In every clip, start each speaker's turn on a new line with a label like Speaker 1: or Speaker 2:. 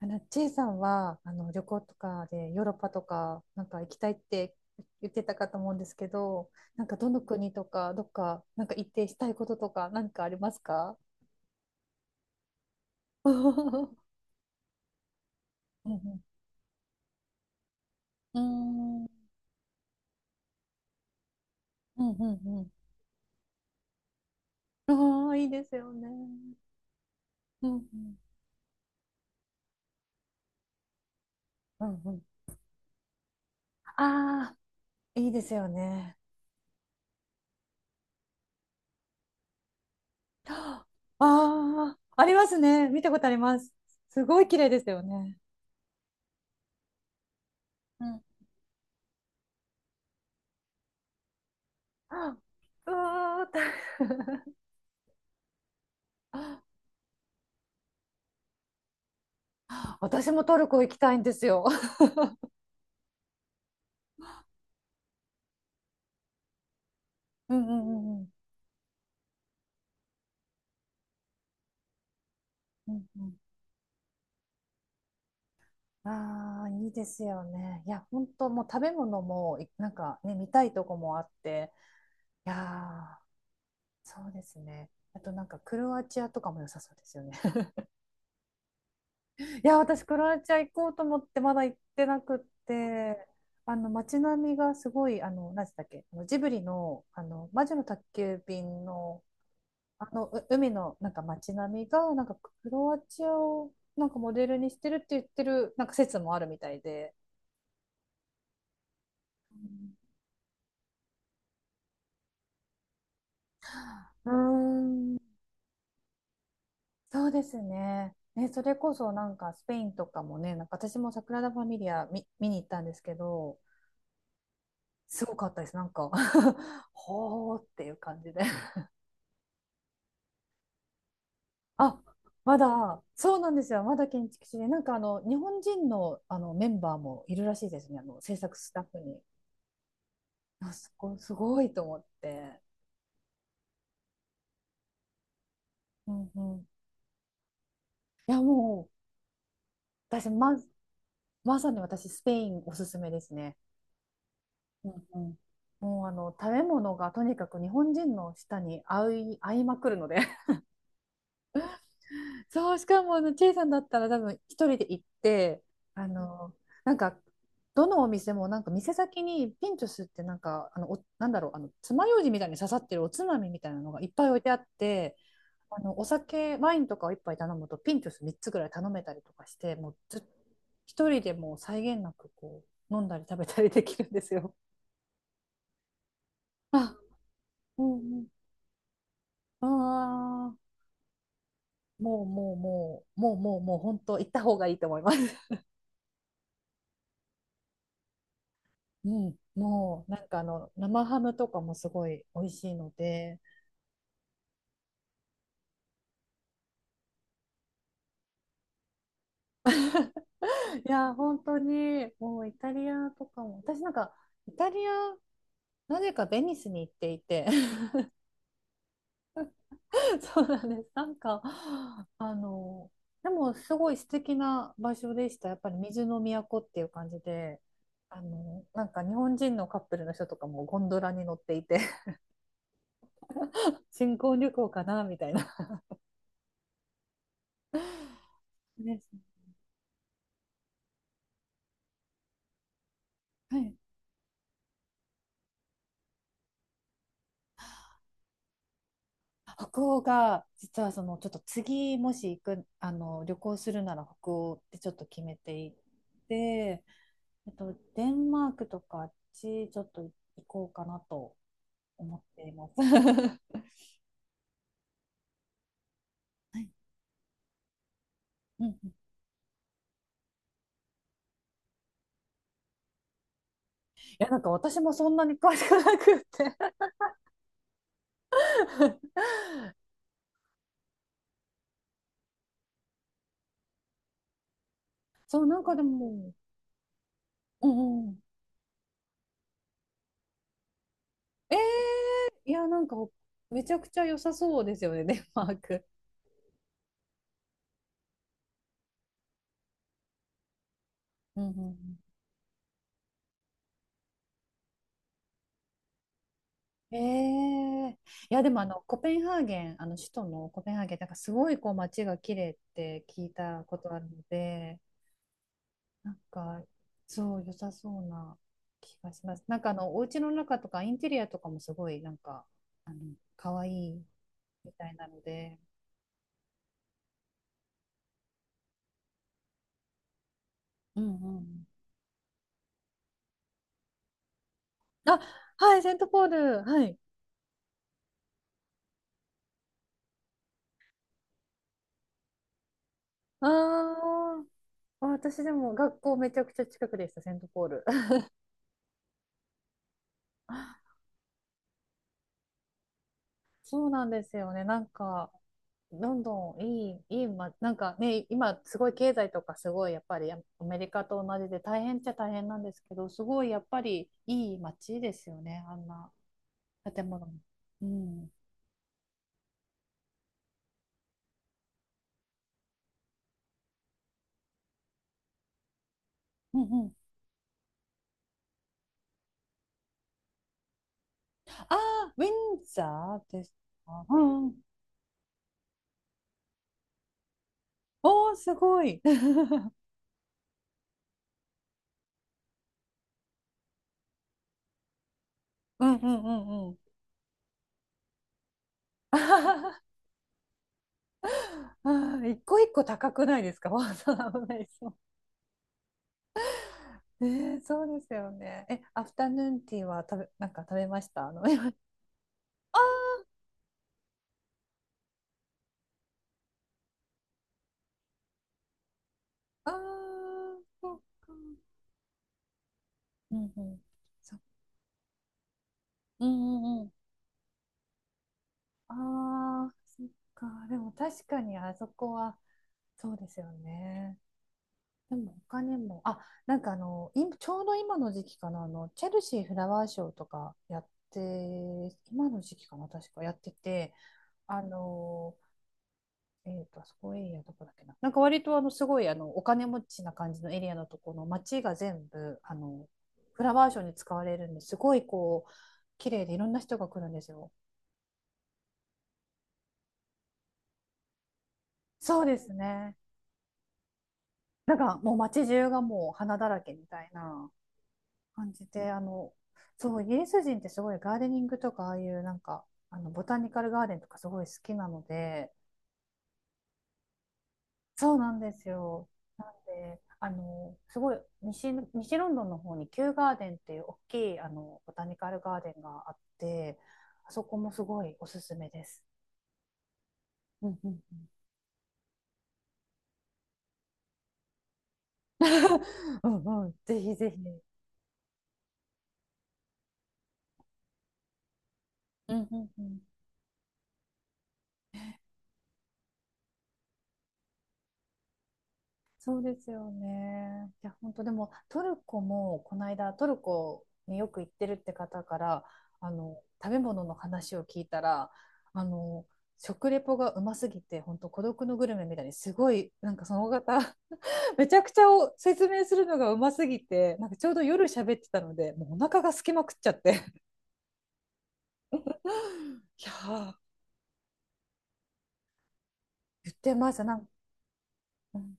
Speaker 1: ちいさんは、旅行とかでヨーロッパとか、なんか行きたいって言ってたかと思うんですけど、なんかどの国とか、どっか、なんか行ってしたいこととか、なんかありますか？ うんうん。うーん。うんうんうん。ああ、いいですよね。うんうん。うんうん。ああ、いいですよね。ああ、ありますね。見たことあります。すごい綺麗ですよね。うん。あ、うわー、大変。私もトルコ行きたいんですよ。うんうんうんうん。うんうん、ああ、いいですよね。いや、本当もう食べ物も、いなんかね、見たいとこもあって、いやー、そうですね。あとなんかクロアチアとかも良さそうですよね。いや、私クロアチア行こうと思ってまだ行ってなくって、あの街並みがすごい、あの、何でしたっけ、あのジブリの、あの、魔女の宅急便のあのう海のなんか街並みがなんかクロアチアをなんかモデルにしてるって言ってるなんか説もあるみたいで、うーん。そうですね。ね、それこそなんかスペインとかもね、なんか私もサグラダ・ファミリア見に行ったんですけど、すごかったです。なんか ほーっていう感じで。あ、まだ、そうなんですよ。まだ建築士で、なんかあの日本人の、あのメンバーもいるらしいですね。あの制作スタッフに。あ、すごい、すごいと思って。うんうん、いやもう私ま、まさに私スペインおすすめですね。うんうん。もうあの食べ物がとにかく日本人の舌に合い、合いまくるので そう。しかもあのチェイさんだったら多分一人で行ってあのなんかどのお店もなんか店先にピンチョスってなんかあのおなんだろうあの爪楊枝みたいに刺さってるおつまみみたいなのがいっぱい置いてあってあのお酒、ワインとかを一杯頼むと、ピントス3つぐらい頼めたりとかして、もうずっと一人でもう際限なくこう飲んだり食べたりできるんですよ。あ、うんうん。ああ、もうもうもう、もうもうもう本当行った方がいいと思います。うん、もうなんかあの生ハムとかもすごい美味しいので、いや本当にもうイタリアとかも、私なんかイタリアなぜかベニスに行っていて そうなんです。なんか、あの、でもすごい素敵な場所でした。やっぱり水の都っていう感じで、あの、なんか日本人のカップルの人とかもゴンドラに乗っていて、新婚旅行かなみたいな。ね、はい。北欧が、実はその、ちょっと次もし行く、あの、旅行するなら北欧ってちょっと決めていて、えっと、デンマークとかあっち、ちょっと行こうかなと思っています。はい。うんうん、や、なんか私もそんなに詳しくなくって そう、なんかでも、うんうん。えー、いや、なんかめちゃくちゃ良さそうですよね、デンマーク。うんうんうん、いや、でもあの、コペンハーゲン、あの首都のコペンハーゲン、なんかすごいこう街が綺麗って聞いたことあるので、なんか、そう、良さそうな気がします。なんかあの、お家の中とかインテリアとかもすごいなんか、可愛いみたいなので、うんうん。あ、はい、セントポール。はい。ああ、私でも学校めちゃくちゃ近くでした、セントポール。そうなんですよね。なんか、ロンドンいい、いい、ま、なんかね、今すごい経済とかすごいやっぱりアメリカと同じで大変っちゃ大変なんですけど、すごいやっぱりいい街ですよね、あんな建物も。うん。うんうん。ああ、ウィンザーですか。うんうん。おー、すごい。うんうんうんうん。あー、一個一個高くないですか？わざわざ危ないそう。えそうですよね。え、アフタヌーンティーは食べ、なんか食べましたあの？あー、あー、そっか。うんうん。そ、うんうんうん。ああ、そっか。でも確かにあそこは、そうですよね。でも他にも、あ、なんかあの、今ちょうど今の時期かな、あの、チェルシーフラワーショーとかやって、今の時期かな、確かやってて、あのえーと、あそこエリアどこだっけな。なんか割とあのすごいあのお金持ちな感じのエリアのところの街が全部あのフラワーショーに使われるんですごいこう綺麗でいろんな人が来るんですよ。そうですね。なんかもう街中がもう花だらけみたいな感じで、あの、そう、イギリス人ってすごいガーデニングとかああいうなんかあのボタニカルガーデンとかすごい好きなので、そうなんですよ。であのすごい西ロンドンの方にキューガーデンっていう大きいあのボタニカルガーデンがあって、あそこもすごいおすすめです。うんうんうん うん、うんぜひぜひ。うんうんうんそうですよね。いや本当でもトルコもこの間トルコによく行ってるって方からあの食べ物の話を聞いたら、あの食レポがうますぎて本当孤独のグルメみたいにすごいなんかその方めちゃくちゃを説明するのがうますぎて、なんかちょうど夜喋ってたのでもうお腹がすきまくっちゃって いやー言ってますなんか、うん、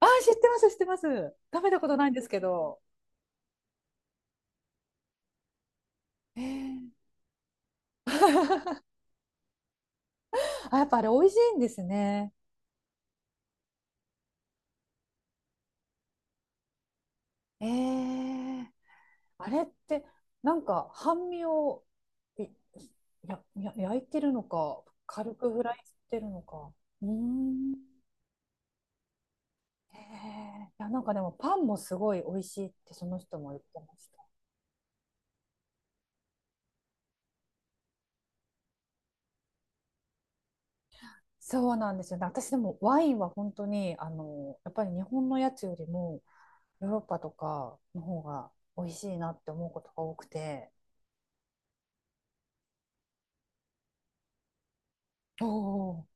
Speaker 1: あー、知ってます知ってます、食べたことないんですけど、えー、あやっぱあれ美味しいんですね。えー、あれってなんか半身を、いやや焼いてるのか軽くフライしてるのか、うーん。えー、いやなんかでもパンもすごい美味しいってその人も言ってました。そうなんですよね。私でもワインは本当に、あの、やっぱり日本のやつよりもヨーロッパとかの方が美味しいなって思うことが多くて。おお。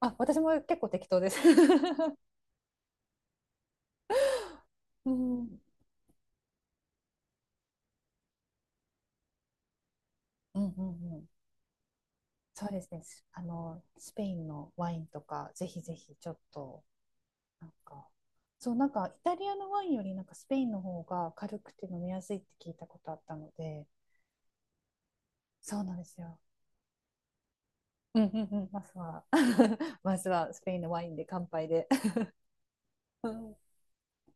Speaker 1: あ、私も結構適当です。うん、うんうんうん。そうですね。す、あの、スペインのワインとか、ぜひぜひちょっと、なんか、そう、なんかイタリアのワインよりなんかスペインの方が軽くて飲みやすいって聞いたことあったので、そうなんですよ。うんうんうん、まずは、まずはスペインのワインで乾杯で。